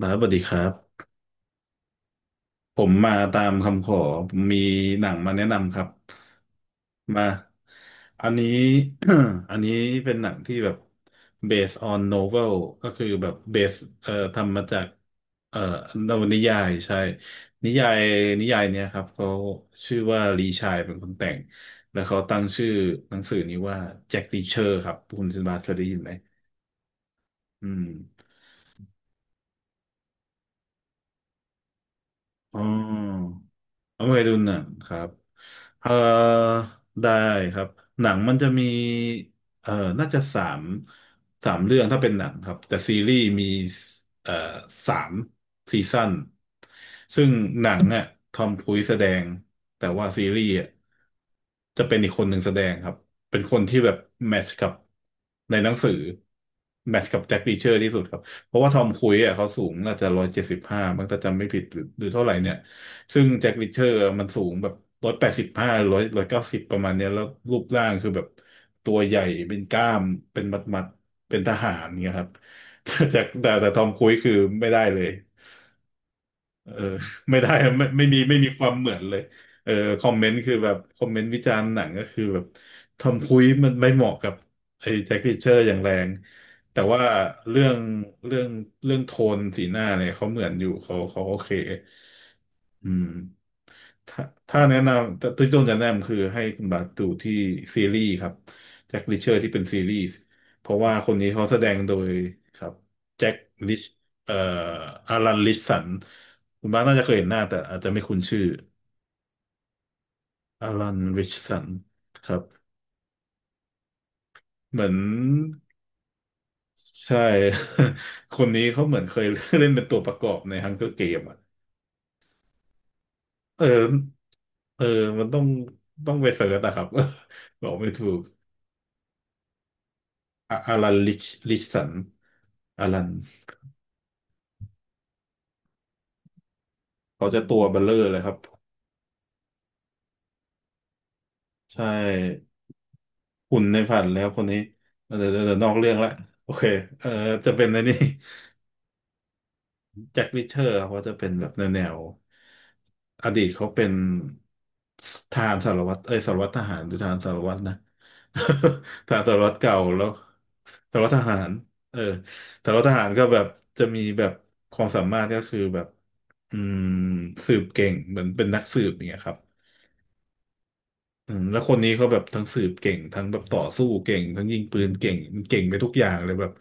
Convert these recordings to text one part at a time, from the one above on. บาสสวัสดีครับผมมาตามคำขอผมมีหนังมาแนะนำครับมาอันนี้ อันนี้เป็นหนังที่แบบ based on novel ก็คือแบบ base ทำมาจากเอ่อนวนิยายใช่นิยายนิยายเนี้ยครับเขาชื่อว่าลีชายเป็นคนแต่งแล้วเขาตั้งชื่อหนังสือนี้ว่าแจ็ครีเชอร์ครับคุณซินบาสเคยได้ยินไหมอืมอ๋อ เอาเคยดูหนังครับ เออได้ครับหนังมันจะมีเออน่าจะสามสามเรื่องถ้าเป็นหนังครับแต่ซีรีส์มีเอ่อสามซีซั่นซึ่งหนังอ่ะทอมครูซแสดงแต่ว่าซีรีส์อ่ะจะเป็นอีกคนหนึ่งแสดงครับเป็นคนที่แบบแมทช์กับในหนังสือแมทช์กับแจ็ครีเชอร์ที่สุดครับเพราะว่าทอมครูซอ่ะเขาสูงน่าจะ175มังถาจำไม่ผิดหรือเท่าไหร่เนี่ย ซึ่งแจ็คริชเชอร์มันสูงแบบ185ร้อยเก้าสิบประมาณเนี้ยแล้วรูปร่างคือแบบตัวใหญ่เป็นกล้ามเป็นมัดมัดเป็นทหารเงี้ยครับ แต่แจ็คแต่ทอมครูซคือไม่ได้เลย เออ ไม่ได้ไม่ไม่มีไม่มีความเหมือนเลยเออคอมเมนต์คือแบบคอมเมนต์วิจารณ์หนังก็คือแบบทอมครูซมันไม่เหมาะกับไอ้แจ็คริชเชอร์อย่างแรงแต่ว่าเรื่องเรื่องเรื่องโทนสีหน้าเนี่ยเขาเหมือนอยู่เขาโอเคอืมถ้าถ้าแนะนำแต่วี่ต้นจะแนะนำคือให้คุณบาสดูที่ซีรีส์ครับแจ็คริชเชอร์ที่เป็นซีรีส์เพราะว่าคนนี้เขาแสดงโดยครับแจ็ค เอ่ออารันริชสันคุณบ้านน่าจะเคยเห็นหน้าแต่อาจจะไม่คุ้นชื่ออารันริชสันครับเหมือนใช่ คนนี้เขาเหมือนเคยเล่นเป็นตัวประกอบในฮังเกอร์เกมอ่ะเออเออมันต้องไปเสิร์ชนะครับ บอกไม่ถูกอะอารันลิชสันอารันเขาจะตัวเบลเลอร์เลยครับ ใช่หุ่นในฝันแล้วคนนี้เดี๋ยวนอกเรื่องละโอเคเออจะเป็นในนี้ แจ็คริชเชอร์ครับเขาจะเป็นแบบแนวอดีตเขาเป็นทหารสารวัตรเอ้ยสารวัตรทหารหรือทหารสารวัตรนะ ทหารสารวัตรเก่าแล้วสารวัตรทหารเออสารวัตรทหารก็แบบจะมีแบบความสามารถก็คือแบบอืมสืบเก่งเหมือนเป็นนักสืบอย่างเงี้ยครับ อืมแล้วคนนี้เขาแบบทั้งสืบเก่งทั้งแบบต่อสู้เก่งทั้งยิงปืนเก่งเก่งไปทุกอย่างเลยแบบ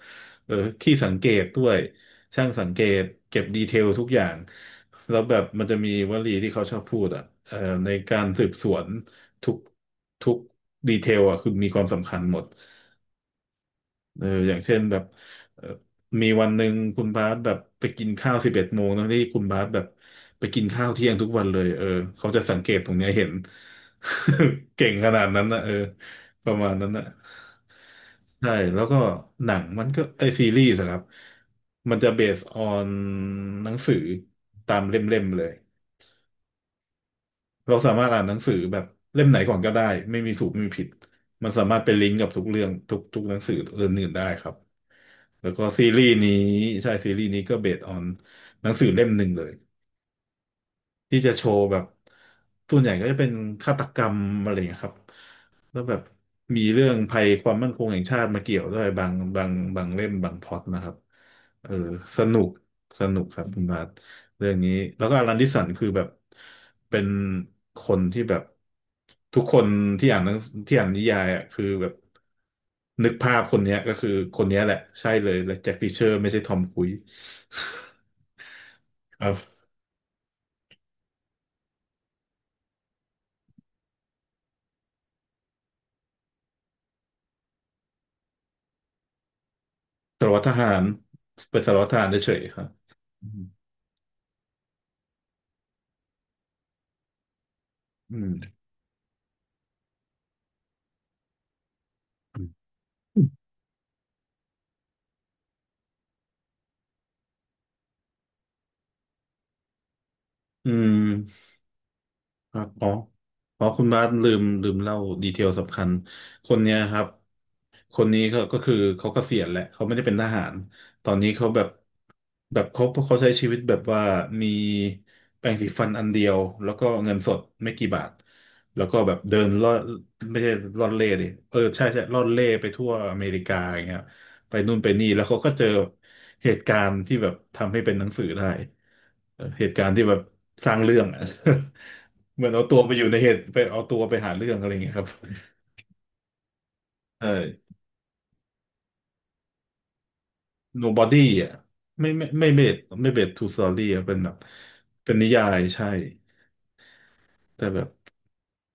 เออขี้สังเกตด้วยช่างสังเกตเก็บดีเทลทุกอย่างแล้วแบบมันจะมีวลีที่เขาชอบพูดอ่ะเอ่อในการสืบสวนทุกทุกดีเทลอ่ะคือมีความสำคัญหมด เอออย่างเช่นแบบเออมีวันหนึ่งคุณบาสแบบไปกินข้าว11 โมงนะที่คุณบาสแบบไปกินข้าวเที่ยงทุกวันเลยเออเขาจะสังเกตตรงเนี้ยเห็น เก่งขนาดนั้นนะเออประมาณนั้นนะใช่แล้วก็หนังมันก็ไอซีรีส์อะครับมันจะเบสออนหนังสือตามเล่มๆเลย เราสามารถอ่านหนังสือแบบเล่มไหนก่อนก็ได้ไม่มีถูกไม่มีผิดมันสามารถเป็นลิงก์กับทุกเรื่องทุกหนังสือเรื่องอื่นได้ครับแล้วก็ซีรีส์นี้ใช่ซีรีส์นี้ก็เบสออนหนังสือเล่มหนึ่งเลย ที่จะโชว์แบบส่วนใหญ่ก็จะเป็นฆาตกรรมอะไรอย่างเงี้ยครับแล้วแบบมีเรื่องภัยความมั่นคงแห่งชาติมาเกี่ยวด้วยบางเล่มบางพล็อตนะครับเออสนุกสนุกครับคุณบาทเรื่องนี้แล้วก็อลันดิสันคือแบบเป็นคนที่แบบทุกคนที่อ่านหนังที่อ่านนิยายอ่ะคือแบบนึกภาพคนเนี้ยก็คือคนเนี้ยแหละใช่เลยและแจ็ครีเชอร์ไม่ใช่ทอม ครูซ ครับ สารวัตรทหารเป็นสารวัตรทหารเฉยๆครับอืมอืมอืม ครับอ๋ออ๋อคุณบาสลืมเล่าดีเทลสำคัญคนเนี้ยครับคนนี้เขาก็คือเขาเกษียณแหละเขาไม่ได้เป็นทหารตอนนี้เขาแบบแบบเขาใช้ชีวิตแบบว่ามีแปรงสีฟันอันเดียวแล้วก็เงินสดไม่กี่บาทแล้วก็แบบเดินล่อไม่ใช่ล่อนเล่ดิเออใช่ใช่ล่อนเล่ไปทั่วอเมริกาอย่างเงี้ยไปนู่นไปนี่แล้วเขาก็เจอเหตุการณ์ที่แบบทำให้เป็นหนังสือได้ เออเหตุการณ์ที่แบบสร้างเรื่องอะ เหมือนเอาตัวไปอยู่ในเหตุไปเอาตัวไปหาเรื่องอะไรอย่างเงี้ยครับใช่ Nobody อ่ะไม่เบสไม่เบสทูสตอรี่อ่ะเป็นแบบเป็นนิยายใช่แต่แบบ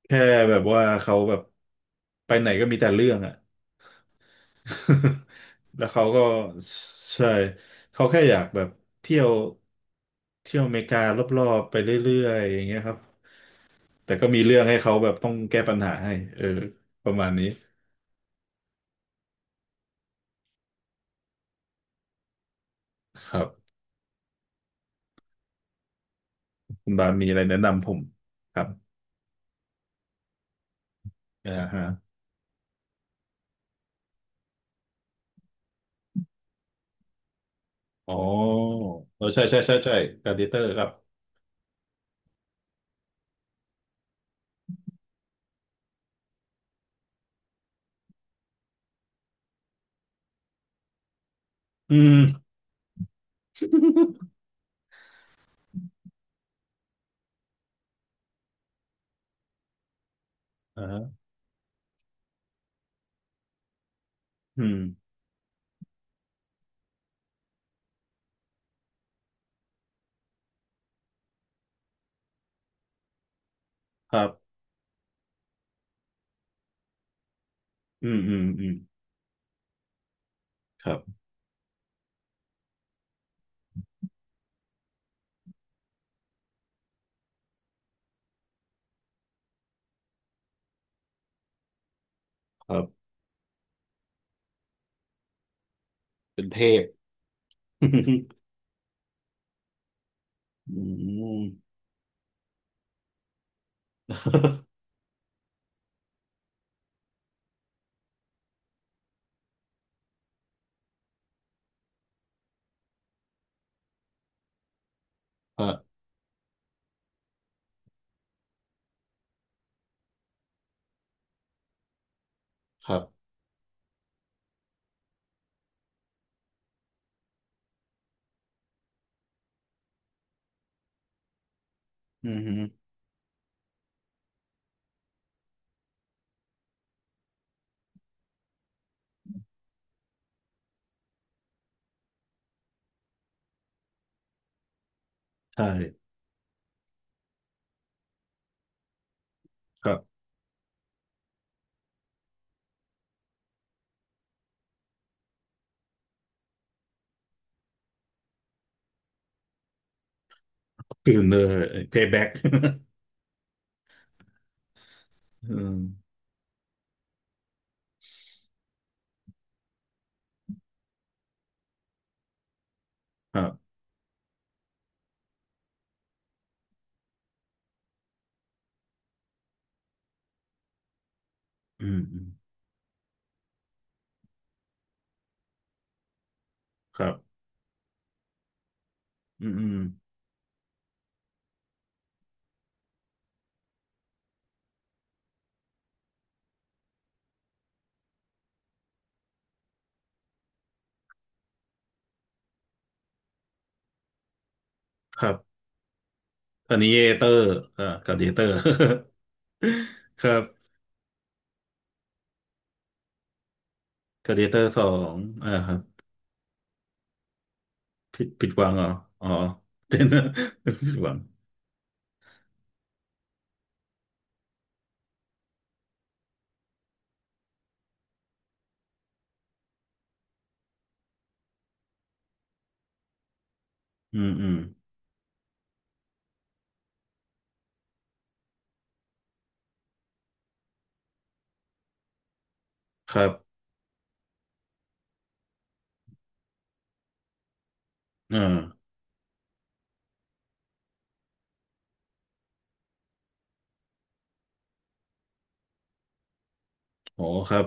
แค่แบบว่าเขาแบบไปไหนก็มีแต่เรื่องอ่ะ แล้วเขาก็ใช่เขาแค่อยากแบบเที่ยวเที่ยวอเมริการอบๆไปเรื่อยๆอย่างเงี้ยครับแต่ก็มีเรื่องให้เขาแบบต้องแก้ปัญหาให้เออประมาณนี้ ครับคุณบาสมีอะไรแนะนำผมครับอ่าฮะอ๋อเออใช่ใช่การ์ดิเตอร์ครับอืม อ่าฮะอืมครับอืมอืมอืมครับครับเป็นเทพ อืม อ่ะครับอืมฮึใช่ครับคือเนอร์เพย์แบ็ก อืมครับอืมอืมครับอืมอืมครับอันนี้เอเตอร์อ่าการ์ดิเตอร์ ครับการ์ดิเตอร์สองอ่าครับ ผิดหวังเหรออ๋อ เต้นนึก ผิดหวังอืมอืมครับอ่าโอ้ครับ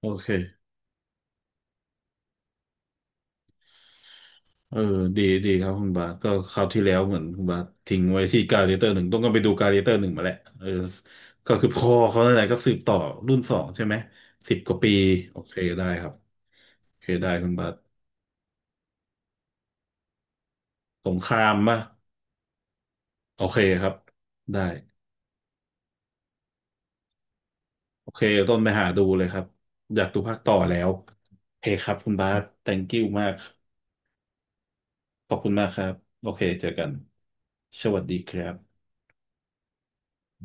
โอเคเออดีดีครับคุณบาสก็คราวที่แล้วเหมือนคุณบาสทิ้งไว้ที่การ์เรเตอร์หนึ่งต้องก็ไปดูการ์เรเตอร์หนึ่งมาแหละเออก็คือพ่อเขาอะไรก็สืบต่อรุ่นสองใช่ไหมสิบกว่าปีโอเคได้ครับโอเคได้คุณบาสสงครามป่ะโอเคครับได้โอเคต้นไปหาดูเลยครับอยากดูภาคต่อแล้วโอเคครับคุณบาส thank you มาก ขอบคุณมากครับโอเคเจอกันสวัสดีครับ